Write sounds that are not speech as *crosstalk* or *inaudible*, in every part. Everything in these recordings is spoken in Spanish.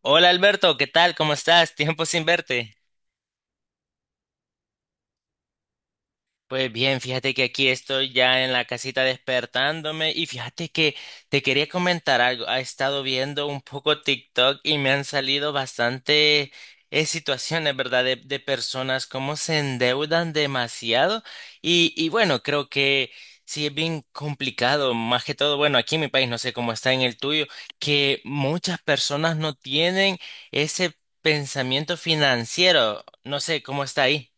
Hola Alberto, ¿qué tal? ¿Cómo estás? Tiempo sin verte. Pues bien, fíjate que aquí estoy ya en la casita despertándome y fíjate que te quería comentar algo. He estado viendo un poco TikTok y me han salido bastante situaciones, ¿verdad? De personas cómo se endeudan demasiado y bueno, creo que sí es bien complicado, más que todo, bueno, aquí en mi país, no sé cómo está en el tuyo, que muchas personas no tienen ese pensamiento financiero. No sé cómo está ahí.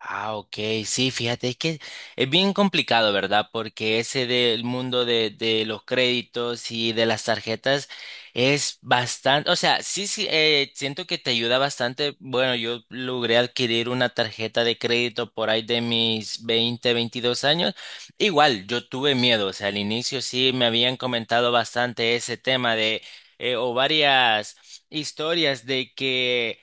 Ah, ok, sí, fíjate, es que es bien complicado, ¿verdad? Porque ese del mundo de los créditos y de las tarjetas es bastante, o sea, sí, sí, siento que te ayuda bastante. Bueno, yo logré adquirir una tarjeta de crédito por ahí de mis veintidós años. Igual, yo tuve miedo, o sea, al inicio sí me habían comentado bastante ese tema de, o varias historias de que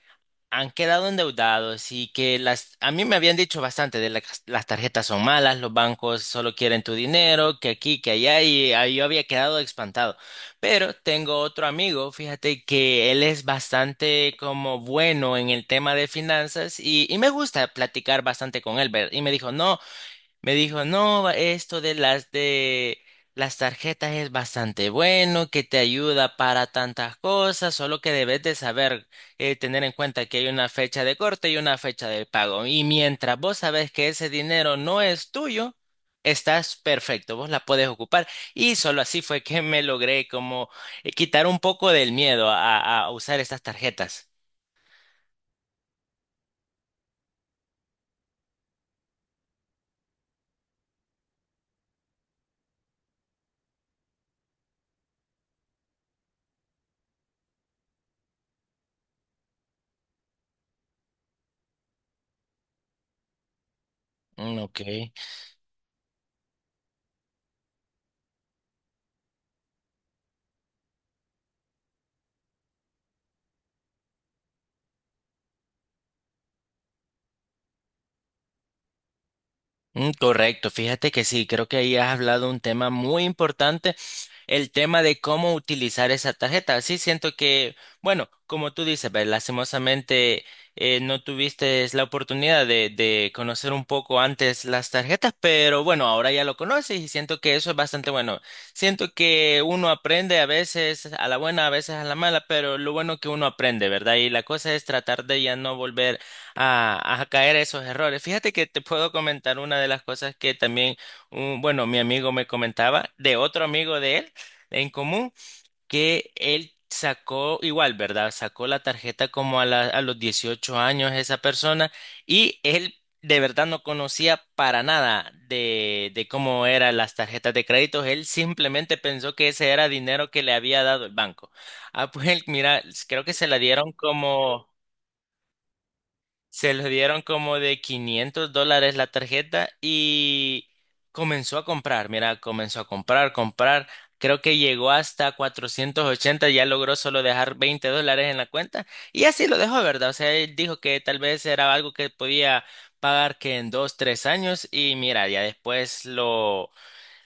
han quedado endeudados y que las, a mí me habían dicho bastante de las tarjetas son malas, los bancos solo quieren tu dinero, que aquí, que allá, y ahí yo había quedado espantado. Pero tengo otro amigo, fíjate que él es bastante como bueno en el tema de finanzas y me gusta platicar bastante con él, ¿ver? Y me dijo, no. Me dijo, no, esto de las tarjetas es bastante bueno, que te ayuda para tantas cosas, solo que debes de saber tener en cuenta que hay una fecha de corte y una fecha de pago. Y mientras vos sabes que ese dinero no es tuyo, estás perfecto, vos la puedes ocupar. Y solo así fue que me logré como quitar un poco del miedo a usar estas tarjetas. Mm, ok. Mm, correcto, fíjate que sí, creo que ahí has hablado un tema muy importante, el tema de cómo utilizar esa tarjeta. Sí, siento que, bueno, como tú dices, ve, lastimosamente no tuviste la oportunidad de conocer un poco antes las tarjetas, pero bueno, ahora ya lo conoces y siento que eso es bastante bueno. Siento que uno aprende a veces a la buena, a veces a la mala, pero lo bueno que uno aprende, ¿verdad? Y la cosa es tratar de ya no volver a caer a esos errores. Fíjate que te puedo comentar una de las cosas que también, bueno, mi amigo me comentaba de otro amigo de él en común, que él sacó igual, ¿verdad? Sacó la tarjeta como a los 18 años esa persona y él... De verdad no conocía para nada de, de cómo eran las tarjetas de crédito. Él simplemente pensó que ese era dinero que le había dado el banco. Ah, pues él, mira, creo que se la dieron como... Se los dieron como de $500 la tarjeta y comenzó a comprar. Mira, comenzó a comprar, comprar. Creo que llegó hasta 480 ya logró solo dejar $20 en la cuenta y así lo dejó, ¿verdad? O sea, él dijo que tal vez era algo que podía pagar que en dos, tres años y mira, ya después lo...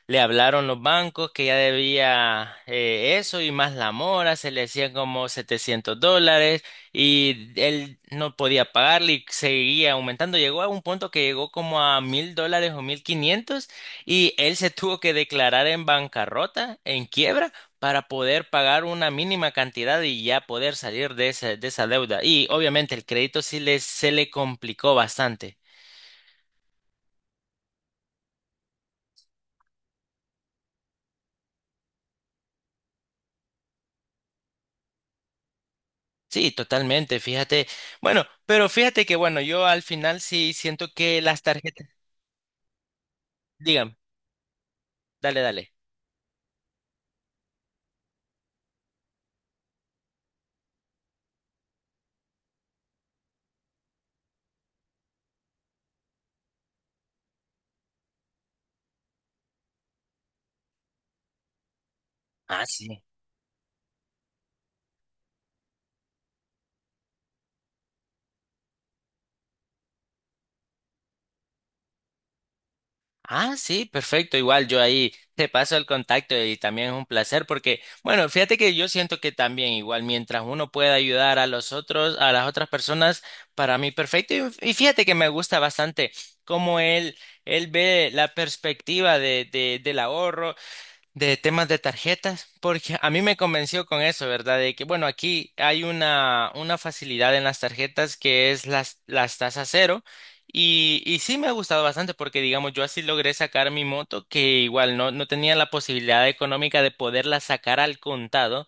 Le hablaron los bancos que ya debía eso y más la mora, se le hacían como $700 y él no podía pagarle y seguía aumentando. Llegó a un punto que llegó como a $1,000 o 1,500 y él se tuvo que declarar en bancarrota, en quiebra, para poder pagar una mínima cantidad y ya poder salir de esa deuda. Y obviamente el crédito sí se le complicó bastante. Sí, totalmente, fíjate. Bueno, pero fíjate que bueno, yo al final sí siento que las tarjetas, dígame, dale, dale. Ah, sí. Ah, sí, perfecto. Igual yo ahí te paso el contacto y también es un placer porque, bueno, fíjate que yo siento que también igual mientras uno pueda ayudar a los otros, a las otras personas, para mí perfecto. Y fíjate que me gusta bastante cómo él ve la perspectiva del ahorro de temas de tarjetas, porque a mí me convenció con eso, ¿verdad? De que, bueno, aquí hay una facilidad en las tarjetas que es las tasas cero. Y sí me ha gustado bastante porque, digamos, yo así logré sacar mi moto, que igual no, no tenía la posibilidad económica de poderla sacar al contado.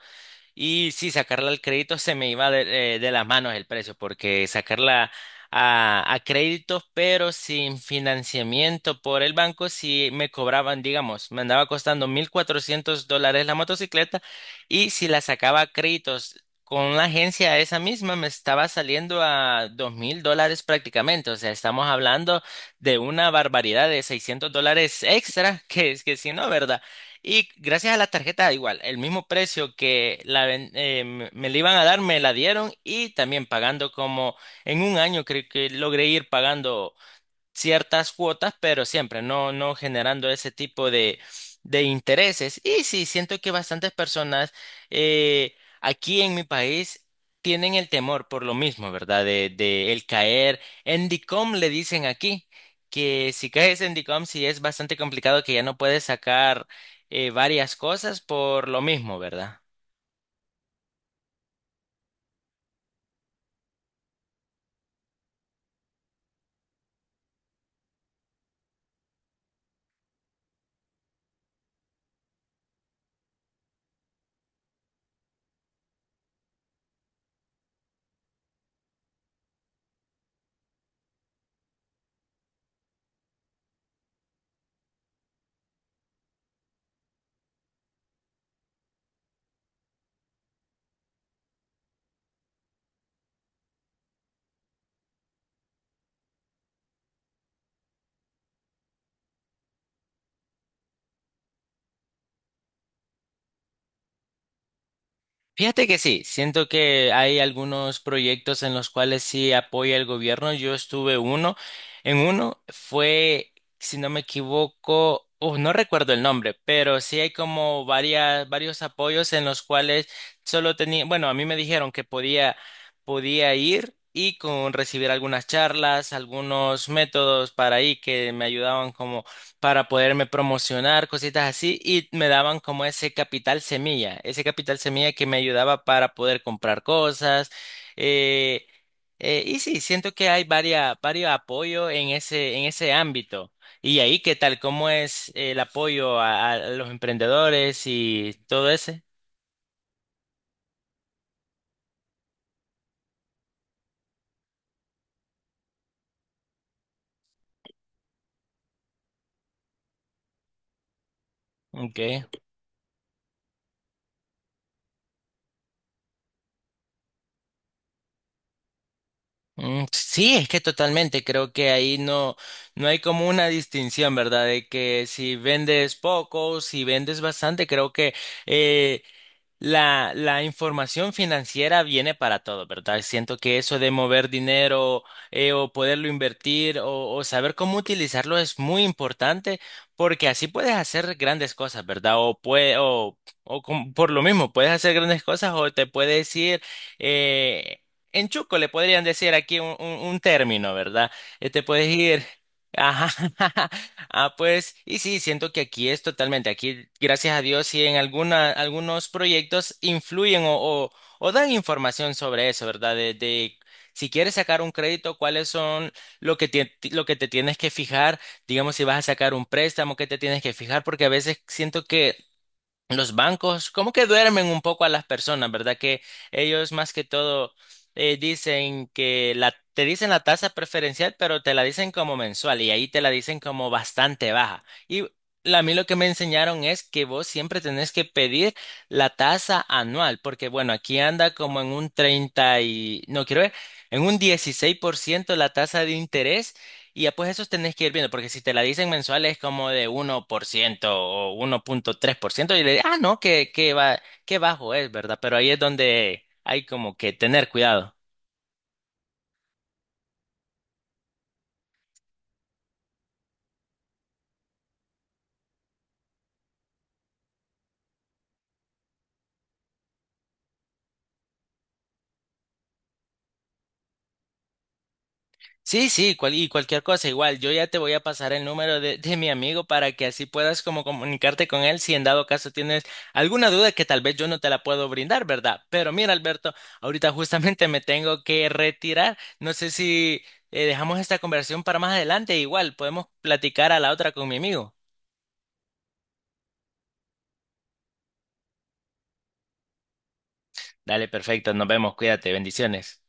Y sí, sacarla al crédito se me iba de las manos el precio, porque sacarla a créditos, pero sin financiamiento por el banco, si me cobraban, digamos, me andaba costando $1,400 la motocicleta, y si la sacaba a créditos con la agencia esa misma, me estaba saliendo a $2,000 prácticamente. O sea, estamos hablando de una barbaridad de $600 extra, *laughs* que es que si no, ¿verdad? Y gracias a la tarjeta, igual, el mismo precio que la, ven- me me la iban a dar, me la dieron y también pagando como en un año, creo que logré ir pagando ciertas cuotas, pero siempre no, no generando ese tipo de intereses. Y sí, siento que bastantes personas eh, aquí en mi país tienen el temor por lo mismo, ¿verdad? De el caer en DICOM, le dicen aquí, que si caes en DICOM, sí es bastante complicado que ya no puedes sacar varias cosas por lo mismo, ¿verdad? Fíjate que sí, siento que hay algunos proyectos en los cuales sí apoya el gobierno. Yo estuve uno, en uno fue, si no me equivoco, no recuerdo el nombre, pero sí hay como varias, varios apoyos en los cuales solo tenía, bueno, a mí me dijeron que podía ir y con recibir algunas charlas, algunos métodos para ahí que me ayudaban para poderme promocionar, cositas así, y me daban como ese capital semilla que me ayudaba para poder comprar cosas. eh, y sí, siento que hay varias, varios apoyos en ese ámbito. Y ahí, ¿qué tal? ¿Cómo es el apoyo a los emprendedores y todo ese? Okay. Mm, sí, es que totalmente. Creo que ahí no, no hay como una distinción, ¿verdad? De que si vendes poco, si vendes bastante, creo que eh, la información financiera viene para todo, ¿verdad? Siento que eso de mover dinero o poderlo invertir o saber cómo utilizarlo es muy importante porque así puedes hacer grandes cosas, ¿verdad? O, pue- o com- por lo mismo, puedes hacer grandes cosas o te puedes ir eh, en chuco, le podrían decir aquí un término, ¿verdad? Te puedes ir, ajá, *laughs* Ah, pues, y sí, siento que aquí es totalmente, aquí, gracias a Dios, sí en alguna, algunos proyectos influyen o dan información sobre eso, ¿verdad? De si quieres sacar un crédito, cuáles son lo que te tienes que fijar, digamos, si vas a sacar un préstamo, qué te tienes que fijar, porque a veces siento que los bancos, como que duermen un poco a las personas, ¿verdad? Que ellos más que todo dicen que te dicen la tasa preferencial, pero te la dicen como mensual y ahí te la dicen como bastante baja. Y a mí lo que me enseñaron es que vos siempre tenés que pedir la tasa anual, porque bueno, aquí anda como en un no quiero ver, en un 16% la tasa de interés. Y ya pues esos tenés que ir viendo, porque si te la dicen mensual es como de 1% o 1.3% y le ah, no, que, va, qué bajo es, ¿verdad? Pero ahí es donde hay como que tener cuidado. Sí, sí, y cualquier cosa, igual, yo ya te voy a pasar el número de mi amigo para que así puedas como comunicarte con él si en dado caso tienes alguna duda que tal vez yo no te la puedo brindar, ¿verdad? Pero mira, Alberto, ahorita justamente me tengo que retirar. No sé si dejamos esta conversación para más adelante, igual podemos platicar a la otra con mi amigo. Dale, perfecto, nos vemos, cuídate, bendiciones.